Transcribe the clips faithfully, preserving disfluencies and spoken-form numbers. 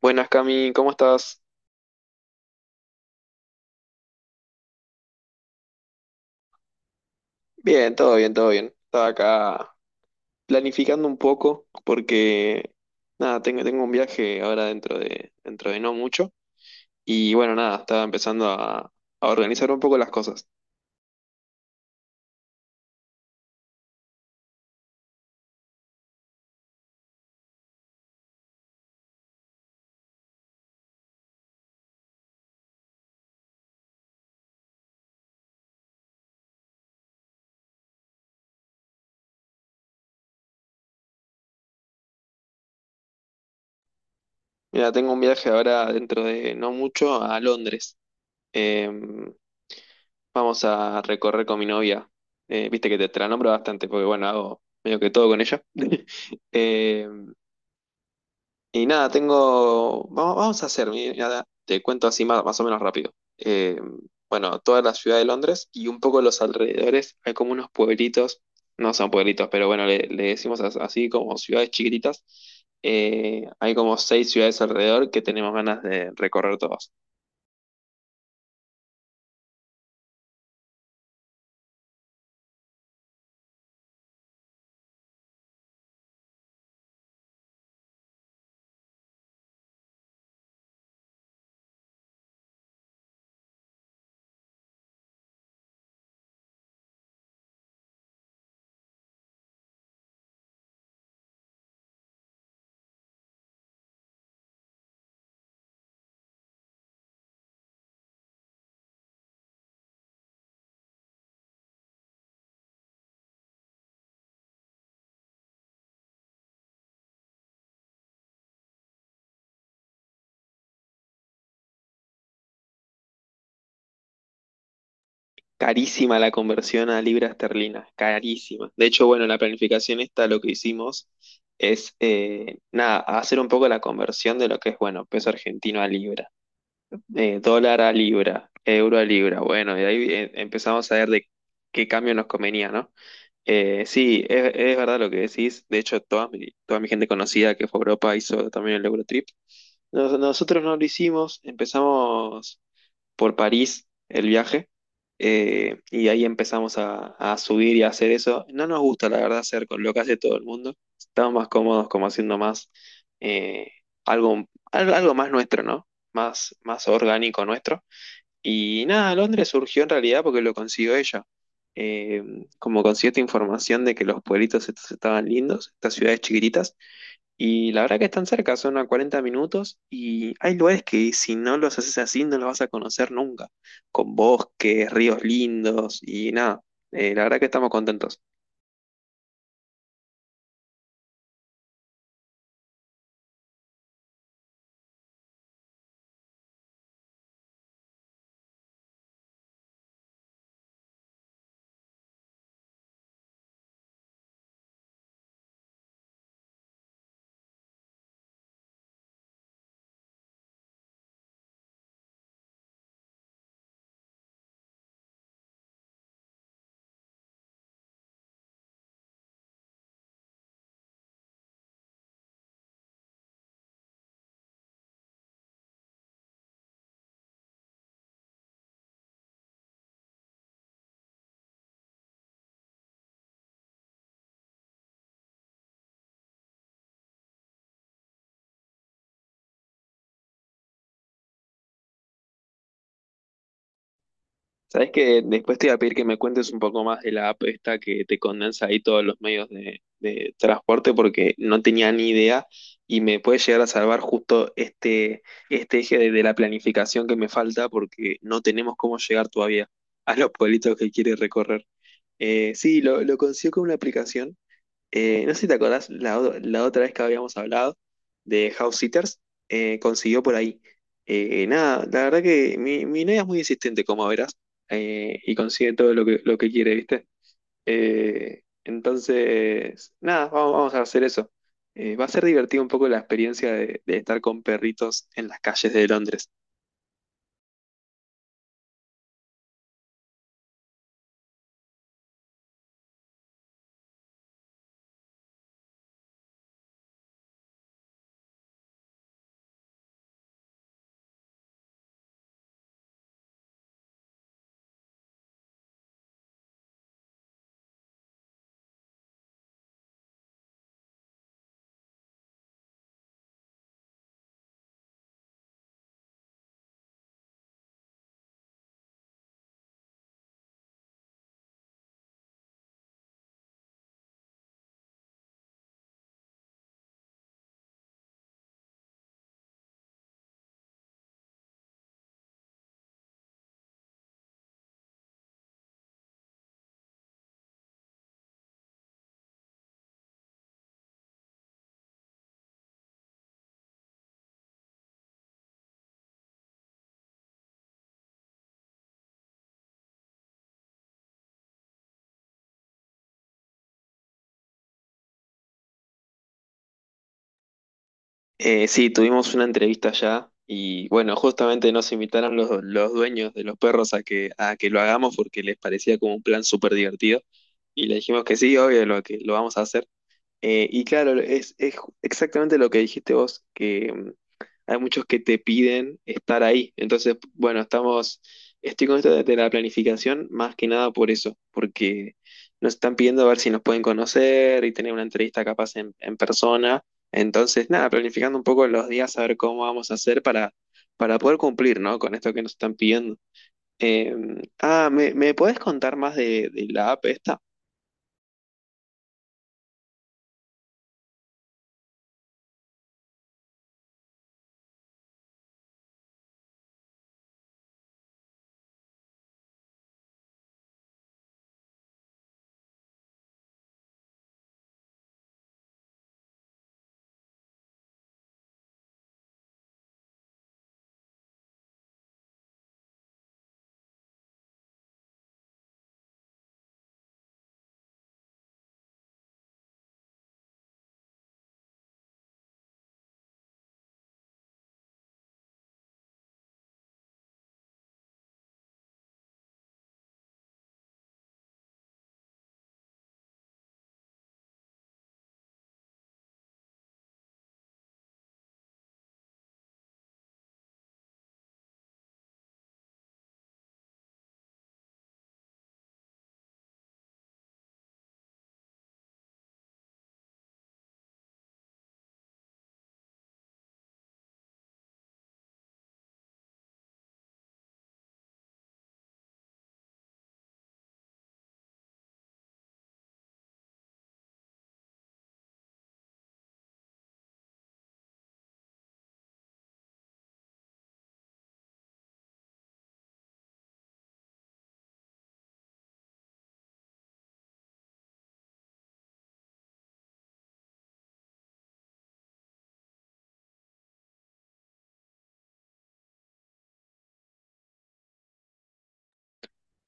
Buenas, Cami, ¿cómo estás? Bien, todo bien, todo bien. Estaba acá planificando un poco porque, nada, tengo, tengo un viaje ahora dentro de, dentro de no mucho. Y bueno, nada, estaba empezando a, a organizar un poco las cosas. Mira, tengo un viaje ahora dentro de no mucho a Londres. Em, Vamos a recorrer con mi novia. Eh, viste que te, te la nombro bastante porque, bueno, hago medio que todo con ella. Em, Y nada, tengo. Vamos, vamos a hacer, mira, te cuento así más, más o menos rápido. Eh, bueno, toda la ciudad de Londres y un poco los alrededores, hay como unos pueblitos, no son pueblitos, pero bueno, le, le decimos as- así como ciudades chiquititas. Eh, hay como seis ciudades alrededor que tenemos ganas de recorrer todas. Carísima la conversión a libra esterlina, carísima. De hecho, bueno, la planificación esta lo que hicimos es, eh, nada, hacer un poco la conversión de lo que es, bueno, peso argentino a libra. Eh, dólar a libra, euro a libra. Bueno, y ahí eh, empezamos a ver de qué cambio nos convenía, ¿no? Eh, sí, es, es verdad lo que decís. De hecho, toda mi, toda mi gente conocida que fue a Europa hizo también el Eurotrip. Nos- nosotros no lo hicimos, empezamos por París el viaje eh, y ahí empezamos a, a subir y a hacer eso. No nos gusta, la verdad, hacer con lo que hace todo el mundo. Estamos más cómodos como haciendo más eh, algo, al- algo más nuestro, ¿no? Más, más orgánico nuestro. Y nada, Londres surgió en realidad porque lo consiguió ella. Eh, Como consiguió esta información de que los pueblitos estos estaban lindos, estas ciudades chiquititas, y la verdad que están cerca, son a cuarenta minutos y hay lugares que si no los haces así no los vas a conocer nunca, con bosques, ríos lindos y nada, Eh, la verdad que estamos contentos. Sabes que después te iba a pedir que me cuentes un poco más de la app esta que te condensa ahí todos los medios de, de transporte porque no tenía ni idea y me puede llegar a salvar justo este, este eje de, de la planificación que me falta porque no tenemos cómo llegar todavía a los pueblitos que quiere recorrer. Eh, sí, lo, lo consiguió con una aplicación. Eh, no sé si te acordás, la, o- la otra vez que habíamos hablado de House Sitters, eh, consiguió por ahí. Eh, nada, la verdad que mi, mi novia es muy insistente, como verás, eh, y consigue todo lo que, lo que quiere, ¿viste? Eh, entonces, nada, vamos, vamos a hacer eso. Eh, va a ser divertido un poco la experiencia de, de estar con perritos en las calles de Londres. Eh, sí, tuvimos una entrevista ya y bueno, justamente nos invitaron los, los dueños de los perros a que, a que lo hagamos porque les parecía como un plan súper divertido y le dijimos que sí, obvio, lo que lo vamos a hacer. Eh, y claro, es, es ju- exactamente lo que dijiste vos, que mm, hay muchos que te piden estar ahí. Entonces, bueno, estamos, estoy con esto de de la planificación más que nada por eso, porque nos están pidiendo a ver si nos pueden conocer y tener una entrevista capaz en, en persona. Entonces, nada, planificando un poco los días, a ver cómo vamos a hacer para, para poder cumplir, ¿no? Con esto que nos están pidiendo. Eh, ah, ¿me, ¿Me podés contar más de, de la app esta?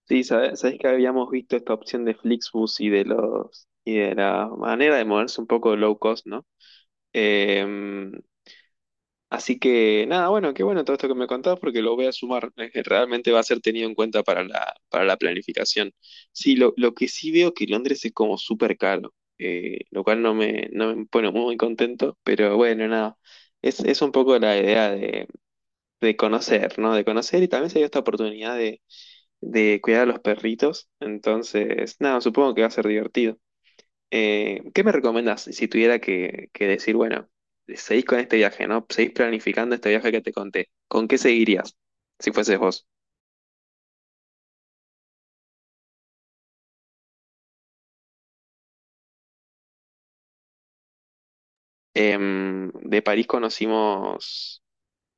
Sí, sabes, sabés que habíamos visto esta opción de Flixbus y de los y de la manera de moverse un poco low cost, ¿no? Em, Así que nada, bueno, qué bueno todo esto que me contás porque lo voy a sumar. Eh, que Realmente va a ser tenido en cuenta para la, para la planificación. Sí, lo, lo que sí veo que Londres es como súper caro, eh, lo cual no me, no me pone muy contento, pero bueno, nada. Es, es un poco la idea de, de conocer, ¿no? De conocer y también se dio esta oportunidad de, de cuidar a los perritos. Entonces, nada, supongo que va a ser divertido. Eh, ¿qué me recomendás si tuviera que, que decir, bueno, seguís con este viaje, ¿no? Seguís planificando este viaje que te conté. ¿Con qué seguirías si fueses vos? Em, de París conocimos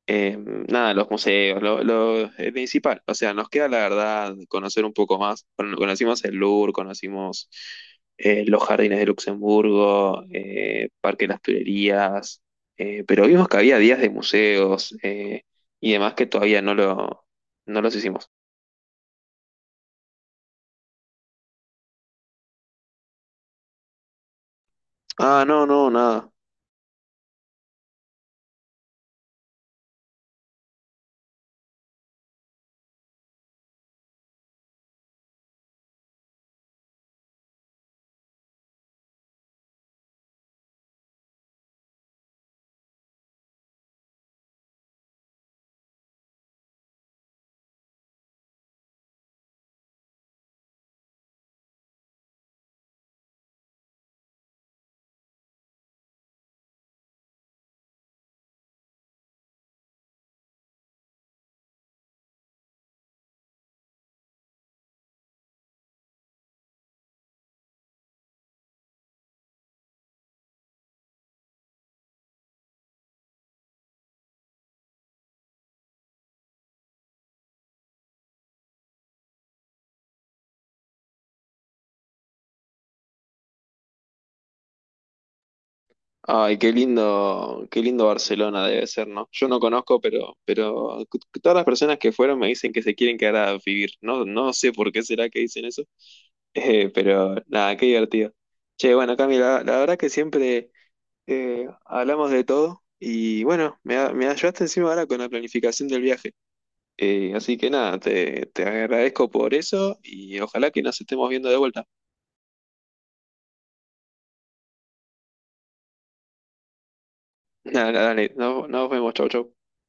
Eh, nada, los museos, lo, lo- eh, principal. O sea, nos queda la verdad conocer un poco más. Bueno, conocimos el Louvre, conocimos eh, los jardines de Luxemburgo, eh, Parque de las Tullerías, eh, pero vimos que había días de museos eh, y demás que todavía no lo, no los hicimos. Ah, no, no, nada. Ay, qué lindo, qué lindo Barcelona debe ser, ¿no? Yo no conozco, pero, pero todas las personas que fueron me dicen que se quieren quedar a vivir. No, no sé por qué será que dicen eso. Eh, pero nada, qué divertido. Che, bueno, Cami, la, la verdad que siempre eh, hablamos de todo y bueno, me, a- me ayudaste encima ahora con la planificación del viaje. Eh, así que nada, te, te agradezco por eso y ojalá que nos estemos viendo de vuelta. Nada, dale, nos, nos vemos, chau, chau.